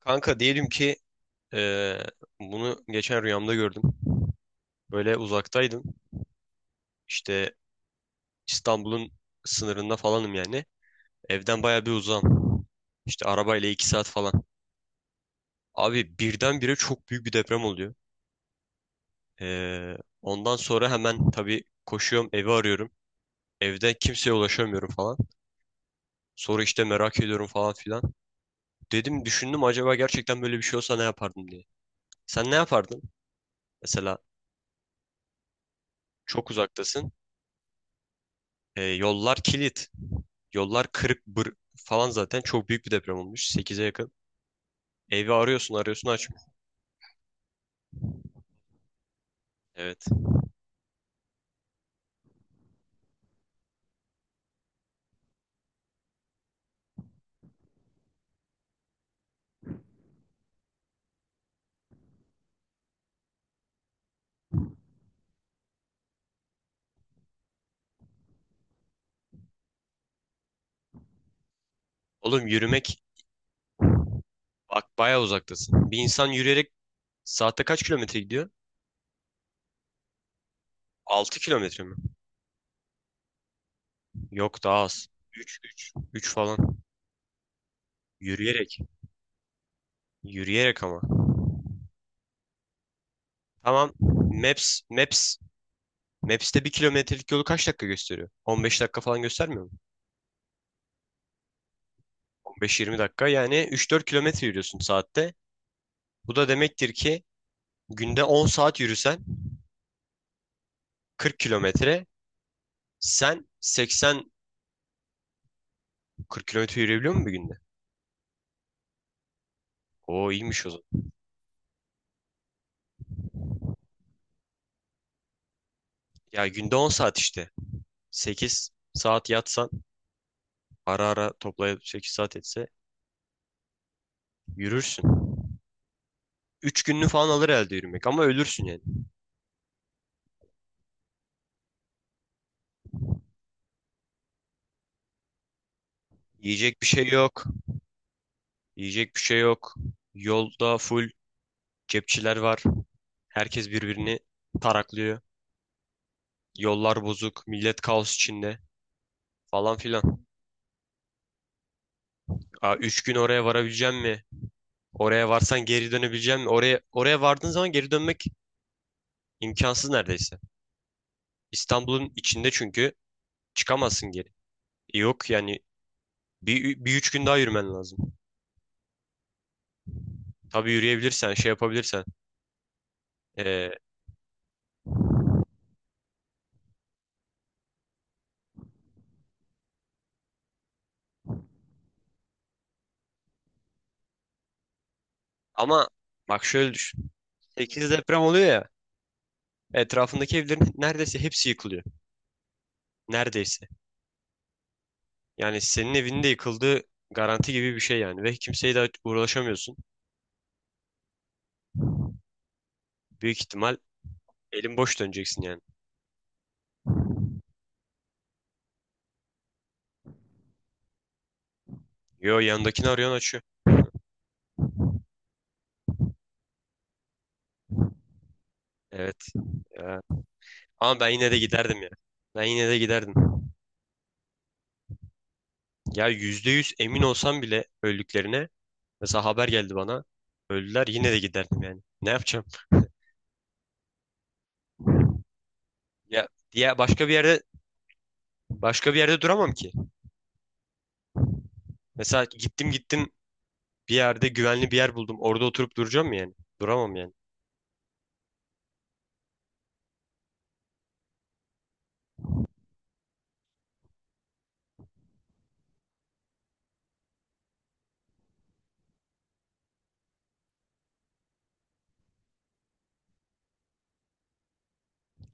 Kanka diyelim ki eee, bunu geçen rüyamda gördüm. Böyle uzaktaydım. İşte İstanbul'un sınırında falanım yani. Evden baya bir uzağım. İşte arabayla 2 saat falan. Abi birdenbire çok büyük bir deprem oluyor. Ondan sonra hemen tabii koşuyorum, evi arıyorum. Evde kimseye ulaşamıyorum falan. Sonra işte merak ediyorum falan filan. Dedim, düşündüm, acaba gerçekten böyle bir şey olsa ne yapardım diye. Sen ne yapardın? Mesela çok uzaktasın. Yollar kilit. Yollar kırık bır falan, zaten çok büyük bir deprem olmuş, sekize yakın. Evi arıyorsun arıyorsun, açmıyor. Evet. Oğlum yürümek, bak bayağı uzaktasın. Bir insan yürüyerek saatte kaç kilometre gidiyor? 6 kilometre mi? Yok, daha az. Üç, üç, 3 falan. Yürüyerek. Yürüyerek ama. Tamam. Maps Maps'te 1 kilometrelik yolu kaç dakika gösteriyor? 15 dakika falan göstermiyor mu? 15-20 dakika yani 3-4 kilometre yürüyorsun saatte. Bu da demektir ki günde 10 saat yürüsen 40 kilometre. Sen 80-40 kilometre yürüyebiliyor musun bir günde? Oo, iyiymiş o zaman. Ya günde 10 saat işte. 8 saat yatsan, ara ara toplayıp 8 saat etse, yürürsün. 3 gününü falan alır elde yürümek, ama ölürsün yani. Yiyecek bir şey yok. Yiyecek bir şey yok. Yolda full cepçiler var. Herkes birbirini taraklıyor. Yollar bozuk. Millet kaos içinde, falan filan. Aa, 3 gün oraya varabileceğim mi? Oraya varsan geri dönebileceğim mi? Oraya, oraya vardığın zaman geri dönmek imkansız neredeyse. İstanbul'un içinde çünkü, çıkamazsın geri. E, yok yani, bir 3 gün daha yürümen lazım. Tabii yürüyebilirsen, şey yapabilirsen. Ee, Ama bak, şöyle düşün. Sekiz deprem oluyor ya, etrafındaki evlerin neredeyse hepsi yıkılıyor. Neredeyse. Yani senin evinin de yıkıldığı garanti gibi bir şey yani. Ve kimseye de uğraşamıyorsun. Büyük ihtimal elin boş döneceksin yani. Yo, yanındakini arıyorsun, açıyor. Evet. Ya. Ama ben yine de giderdim ya. Ben yine de giderdim. Ya %100 emin olsam bile öldüklerine. Mesela haber geldi bana. Öldüler, yine de giderdim yani. Ne yapacağım? Ya diye başka bir yerde, başka bir yerde duramam ki. Mesela gittim gittim, bir yerde güvenli bir yer buldum. Orada oturup duracağım mı yani? Duramam yani.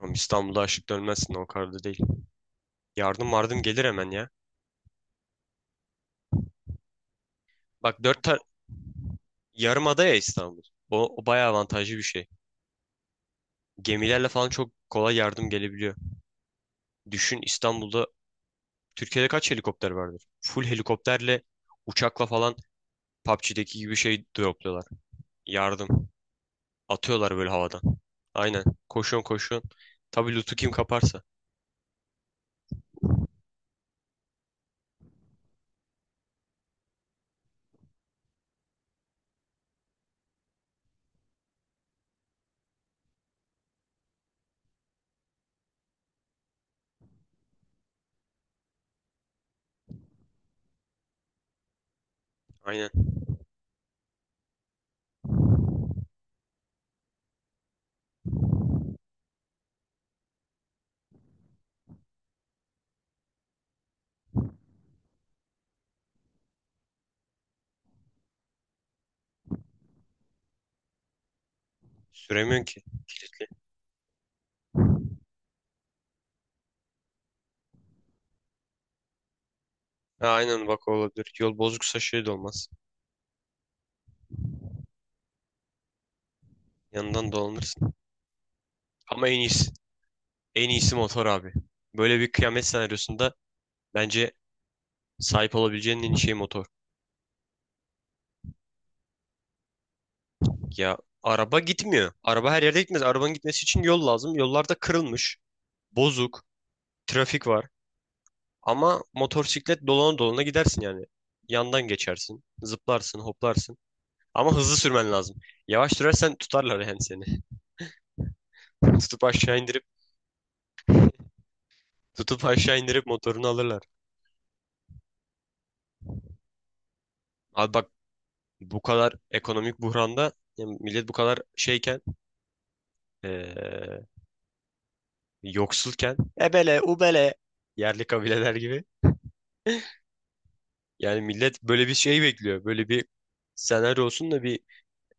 Ama İstanbul'da açlık dönmezsin, o kadar da değil. Yardım vardım gelir hemen ya. Bak dört tar Yarım ada ya İstanbul. O, o bayağı avantajlı bir şey. Gemilerle falan çok kolay yardım gelebiliyor. Düşün, İstanbul'da, Türkiye'de kaç helikopter vardır? Full helikopterle, uçakla falan PUBG'deki gibi şey dropluyorlar. Yardım. Atıyorlar böyle havadan. Aynen. Koşuyorsun koşuyorsun. Tabii lootu kim kaparsa. Aynen. Süremiyorsun ki. Kilitli. Ha, aynen, bak o olabilir. Yol bozuksa şey de olmaz. Yanından dolanırsın. Ama en iyisi. En iyisi motor abi. Böyle bir kıyamet senaryosunda bence sahip olabileceğin en iyi şey motor. Ya araba gitmiyor. Araba her yerde gitmez. Arabanın gitmesi için yol lazım. Yollarda kırılmış, bozuk, trafik var. Ama motosiklet dolana dolana gidersin yani. Yandan geçersin, zıplarsın, hoplarsın. Ama hızlı sürmen lazım. Yavaş sürersen tutarlar yani seni. Tutup aşağı indirip, tutup aşağı indirip motorunu alırlar. Abi bak, bu kadar ekonomik buhranda, yani millet bu kadar şeyken, eee, yoksulken, ebele, ubele, yerli kabileler gibi. Yani millet böyle bir şey bekliyor. Böyle bir senaryo olsun da bir,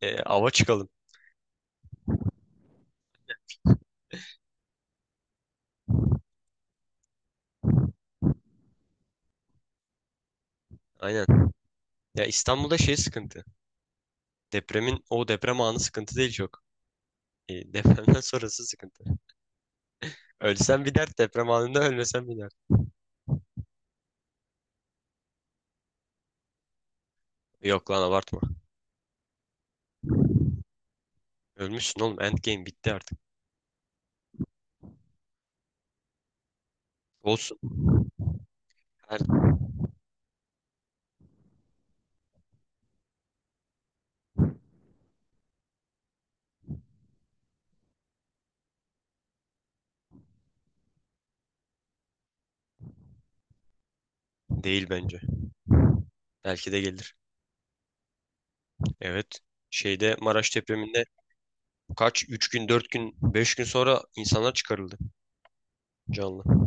ava çıkalım. Aynen. Ya İstanbul'da şey sıkıntı. Depremin o deprem anı sıkıntı değil çok. E, depremden sonrası sıkıntı. Ölsen bir dert, deprem anında ölmesen bir dert. Yok lan, abartma. Ölmüşsün oğlum. Endgame bitti artık. Olsun. Her değil bence. Belki de gelir. Evet. Şeyde, Maraş depreminde kaç? 3 gün, 4 gün, 5 gün sonra insanlar çıkarıldı canlı.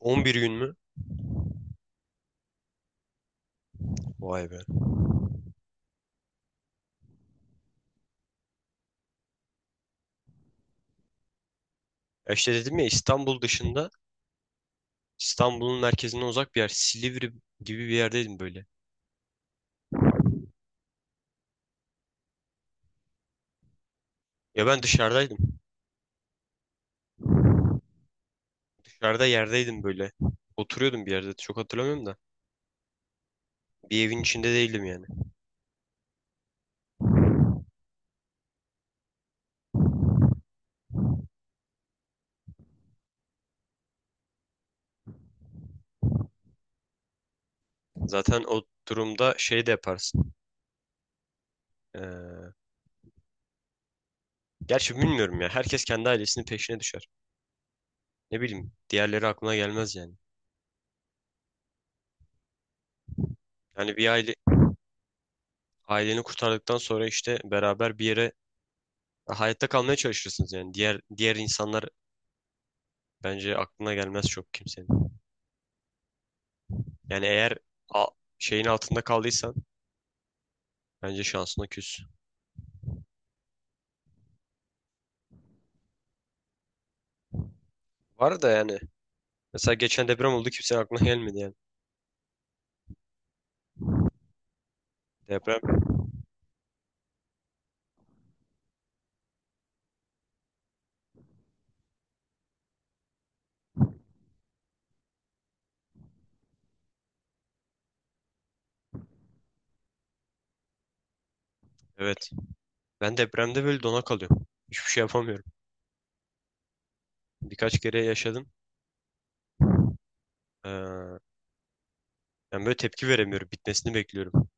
11 gün mü? Vay be. E İşte dedim ya, İstanbul dışında, İstanbul'un merkezine uzak bir yer. Silivri gibi bir yerdeydim böyle. Ya ben dışarıdaydım. Dışarıda yerdeydim böyle. Oturuyordum bir yerde. Çok hatırlamıyorum da. Bir evin içinde değildim yani. Zaten o durumda şey de yaparsın. Ee, Gerçi bilmiyorum ya. Herkes kendi ailesinin peşine düşer. Ne bileyim. Diğerleri aklına gelmez yani. Yani bir aile, aileni kurtardıktan sonra işte beraber bir yere hayatta kalmaya çalışırsınız yani. Diğer insanlar bence aklına gelmez çok kimsenin. Yani eğer a- şeyin altında kaldıysan, bence şansına küs. Var da yani. Mesela geçen deprem oldu, kimsenin aklına gelmedi yani. Deprem. Evet. Ben depremde böyle dona kalıyorum. Hiçbir şey yapamıyorum. Birkaç kere yaşadım. Yani böyle tepki veremiyorum. Bitmesini bekliyorum.